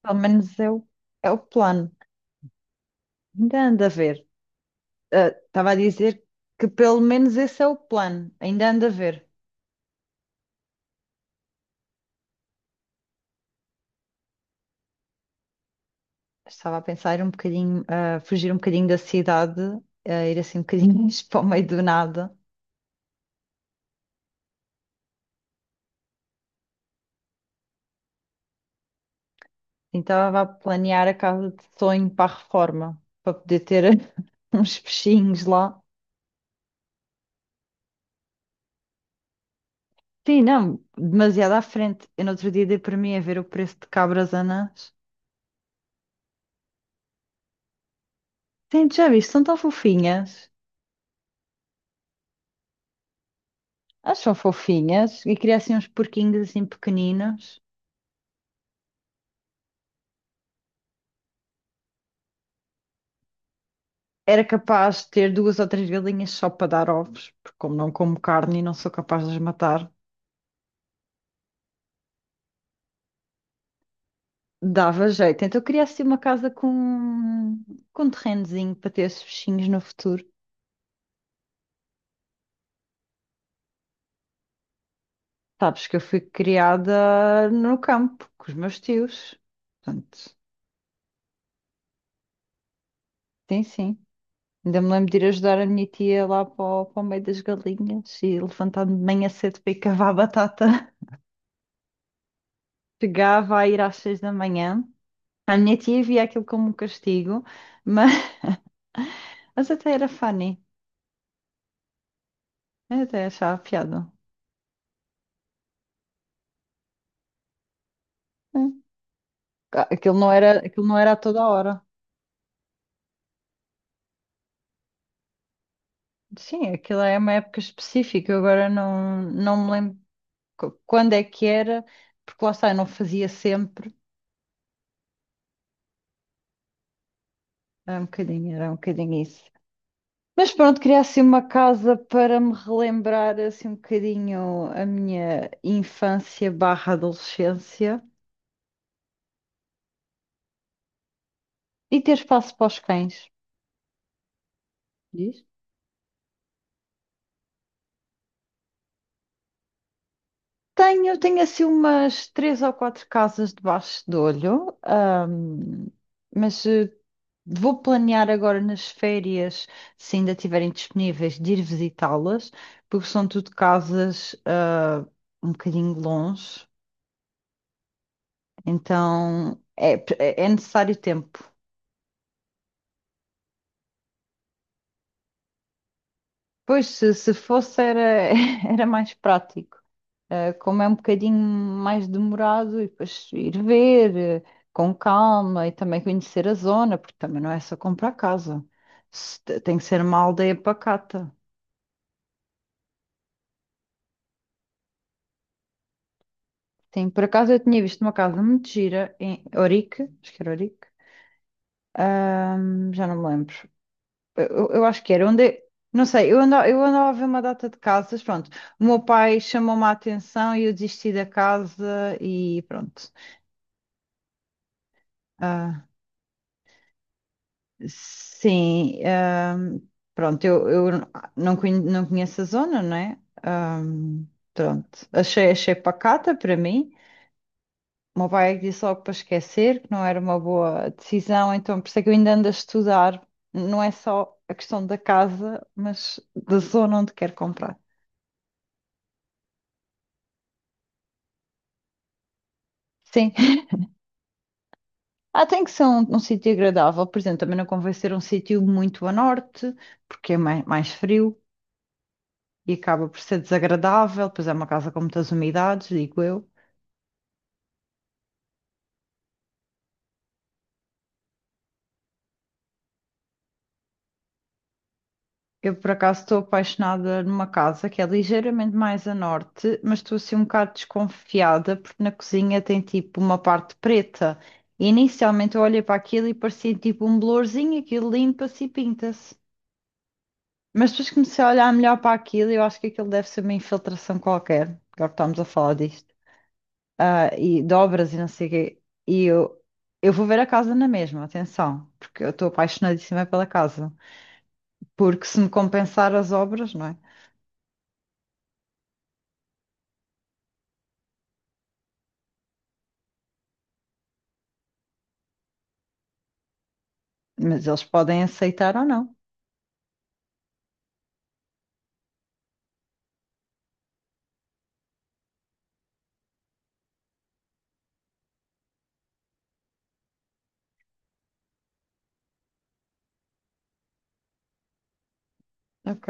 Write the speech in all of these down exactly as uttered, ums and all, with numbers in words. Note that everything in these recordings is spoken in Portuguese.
Pelo menos é o, é o plano. Ainda anda a ver. Ah, Estava a dizer que pelo menos esse é o plano. Ainda anda a ver. Estava a pensar um bocadinho, a fugir um bocadinho da cidade, a ir assim um bocadinho para o meio do nada. Então estava a planear a casa de sonho para a reforma, para poder ter uns peixinhos lá. Sim, não, demasiado à frente. Eu no outro dia dei para mim a ver o preço de cabras anãs. Sim, já viste, são tão fofinhas. Elas são fofinhas e queria assim uns porquinhos assim pequeninos. Era capaz de ter duas ou três galinhas só para dar ovos, porque como não como carne e não sou capaz de as matar, dava jeito. Então eu queria assim uma casa com, com um terrenozinho para ter esses bichinhos no futuro. Sabes que eu fui criada no campo com os meus tios. Portanto, sim, sim. Ainda me lembro de ir ajudar a minha tia lá para o, para o meio das galinhas e levantar-me de manhã cedo para ir cavar batata. Chegava a ir às seis da manhã. A minha tia via aquilo como um castigo, mas, mas até era funny. Eu até achava piada. Hum. Ah, Aquilo não era, aquilo não era a toda hora. Sim, aquilo é uma época específica. Eu agora não, não me lembro qu- quando é que era, porque lá está, eu não fazia sempre. Era um bocadinho, era um bocadinho isso. Mas pronto, queria assim uma casa para me relembrar assim um bocadinho a minha infância barra adolescência e ter espaço para os cães. Diz? Tenho, tenho assim umas três ou quatro casas debaixo de olho, ahm, mas eh, vou planear agora nas férias, se ainda estiverem disponíveis, de ir visitá-las, porque são tudo casas, ah, um bocadinho longe, então é, é é necessário tempo. Pois, se, se fosse, era, era mais prático. Uh, como é um bocadinho mais demorado, e depois ir ver uh, com calma e também conhecer a zona, porque também não é só comprar casa. Se te- Tem que ser uma aldeia pacata. Sim, por acaso eu tinha visto uma casa muito gira em Orique, acho que era Orique, ahm, já não me lembro. Eu, eu- eu acho que era onde. Não sei, eu andava, eu andava a ver uma data de casas, pronto. O meu pai chamou-me a atenção e eu desisti da casa e pronto. Ah, Sim, ahm, pronto, eu, eu não, conhe- não conheço a zona, não é? Ahm, pronto, achei, achei pacata para mim. O meu pai é que disse logo para esquecer, que não era uma boa decisão, então por isso é que eu ainda ando a estudar. Não é só a questão da casa, mas da zona onde quero comprar. Sim, ah, tem que ser um, um sítio agradável, por exemplo, também não convém ser um sítio muito a norte, porque é mais, mais frio e acaba por ser desagradável, pois é uma casa com muitas umidades, digo eu. Eu, por acaso, estou apaixonada numa casa que é ligeiramente mais a norte, mas estou assim um bocado desconfiada porque na cozinha tem tipo uma parte preta. E inicialmente eu olhei para aquilo e parecia tipo um blorzinho, aquilo limpa-se e pinta-se. Mas depois comecei a olhar melhor para aquilo e eu acho que aquilo deve ser uma infiltração qualquer. Agora que estamos a falar disto. Ah, e dobras e não sei o quê. E eu, eu vou ver a casa na mesma, atenção, porque eu estou apaixonadíssima pela casa. Porque se me compensar as obras, não é? Mas eles podem aceitar ou não. Ok.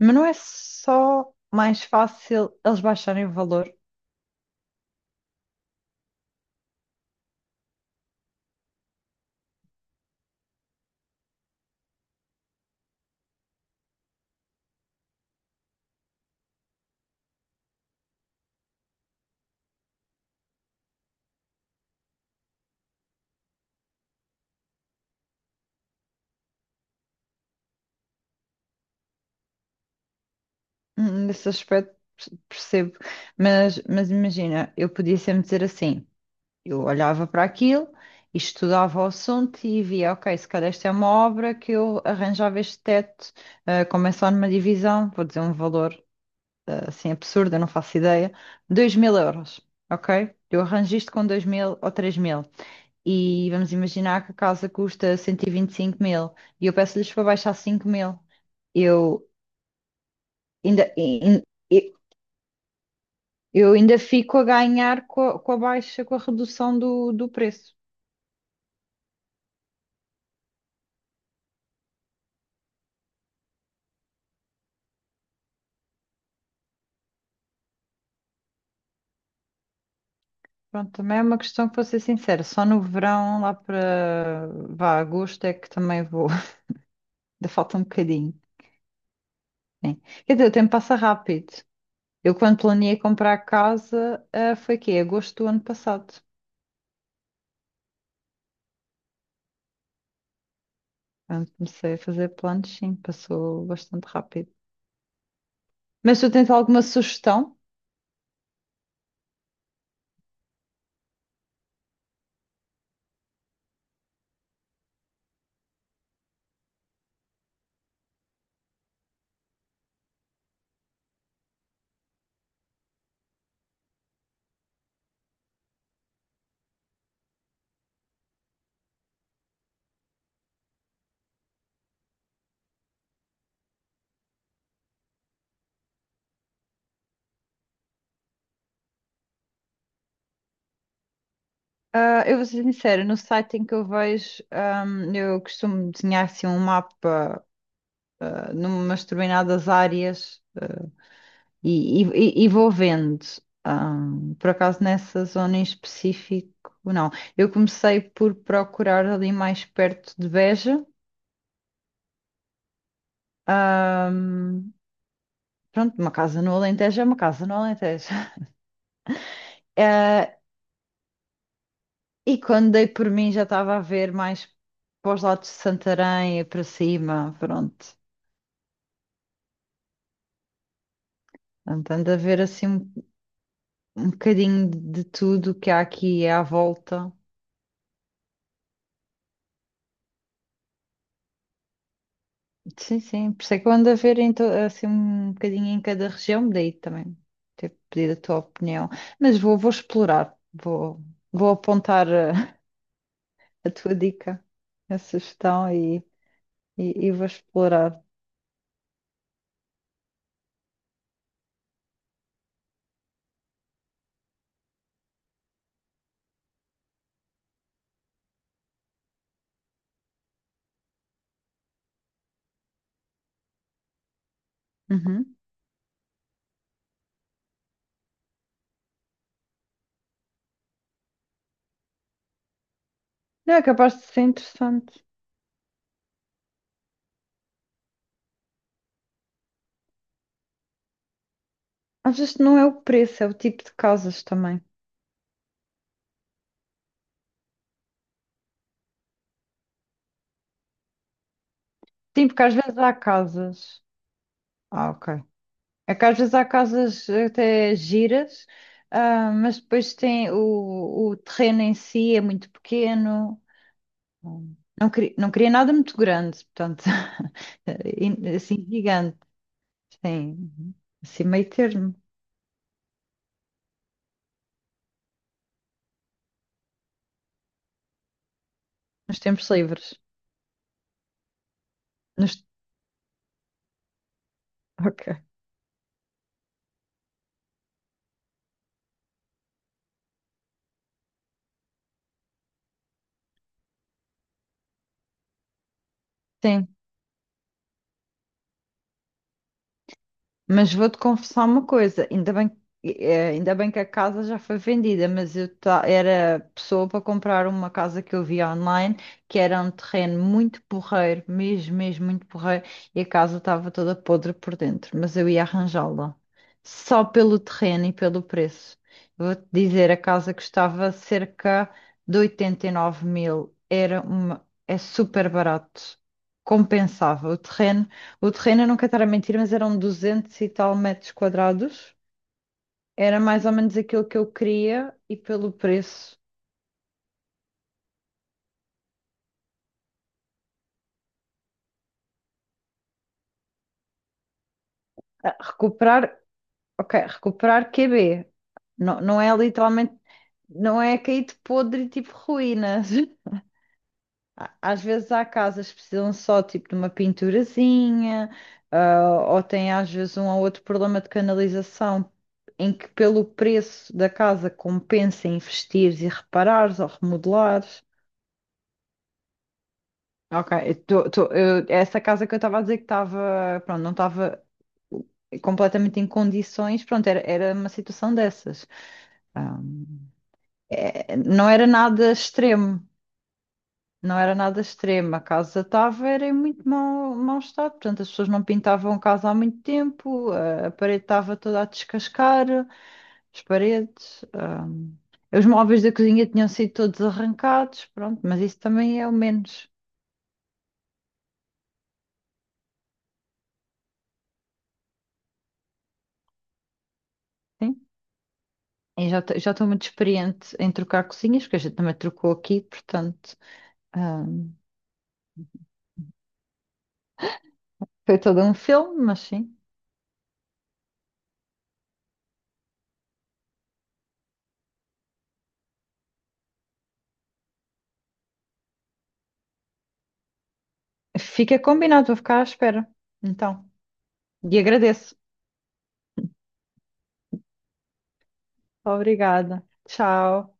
Mas não é só mais fácil eles baixarem o valor. Hum, Nesse aspecto perce- percebo. Mas, mas imagina, eu podia sempre dizer assim: eu olhava para aquilo, estudava o assunto e via, ok, se calhar esta é uma obra que eu arranjava este teto, eh, como é só numa divisão, vou dizer um valor eh, assim absurdo, eu não faço ideia, dois mil euros, ok? Eu arranjo isto com dois mil ou três mil. E vamos imaginar que a casa custa cento e vinte e cinco mil e eu peço-lhes para baixar cinco mil. Eu ainda, in- in- eu ainda fico a ganhar co- com a, baixa, com a redução do, do preço. Pronto, também é uma questão que vou ser sincera, só no verão, lá para vá, agosto é que também vou, ainda falta um bocadinho. Né? Quer dizer, o tempo passa rápido. Eu quando planeei comprar casa, ah, foi quê? Agosto do ano passado. Quando comecei a fazer planos, sim, passou bastante rápido. Mas tu tens alguma sugestão? Ah, eu vou ser sincera, no site em que eu vejo, ahm, eu costumo desenhar assim um mapa, ah, numas determinadas áreas, ah, e, e- e- e vou vendo. Ahm, por acaso nessa zona em específico, não. Eu comecei por procurar ali mais perto de Beja. Ahm, pronto, uma casa no Alentejo é uma casa no Alentejo. E quando dei por mim já estava a ver mais para os lados de Santarém e para cima, pronto. Portanto, ando a ver assim um, um bocadinho de tudo que há aqui à volta. Sim, sim, por isso é que eu ando a ver em to- assim um bocadinho em cada região, daí também ter pedido a tua opinião. Mas vou, vou explorar, vou, vou apontar eh, a, tua dica, a sugestão e, e, e vou explorar. Uhum. Não, é capaz de ser interessante. Às vezes não é o preço, é o tipo de casas também. Sim, porque às vezes há casas. Ah, ok. É que às vezes há casas até giras, ah, mas depois tem o, o terreno em si é muito pequeno. Hum. Não queria, não queria nada muito grande, portanto, e- assim gigante. Sim, assim meio termo, nos tempos livres. Nos... Ok. Sim. Mas vou-te confessar uma coisa, ainda bem, eh, ainda bem que a casa já foi vendida, mas eu ta- era pessoa para comprar uma casa que eu via online, que era um terreno muito porreiro, mesmo, mesmo muito porreiro, e a casa estava toda podre por dentro, mas eu ia arranjá-la, só pelo terreno e pelo preço. Vou-te dizer, a casa custava cerca de oitenta e nove mil, era uma, é super barato, compensava o terreno o terreno, eu não quero estar a mentir, mas eram duzentos e tal metros quadrados. Era mais ou menos aquilo que eu queria e pelo preço. Ah, Recuperar, ok, recuperar Q B. Não, não é literalmente, não é caído podre tipo ruínas. Á- Às vezes há casas que precisam só tipo de uma pinturazinha, ah, ou tem às vezes um ou outro problema de canalização em que pelo preço da casa compensa investires e reparares ou remodelares. Ok, eu tô- tô- eu- essa casa que eu estava a dizer que estava, pronto, não estava completamente em condições, pronto, era, era uma situação dessas. Ah, é- não era nada extremo, não era nada extremo. A casa estava era em muito mau, mau estado, portanto, as pessoas não pintavam a casa há muito tempo, a, a parede estava toda a descascar, as paredes. Ah, os móveis da cozinha tinham sido todos arrancados, pronto, mas isso também é o menos. Sim. Eu já te- já estou muito experiente em trocar cozinhas, porque a gente também trocou aqui, portanto, ahm, foi todo um filme, mas sim. Fica combinado, vou ficar à espera. Então, e agradeço. Obrigada. Tchau.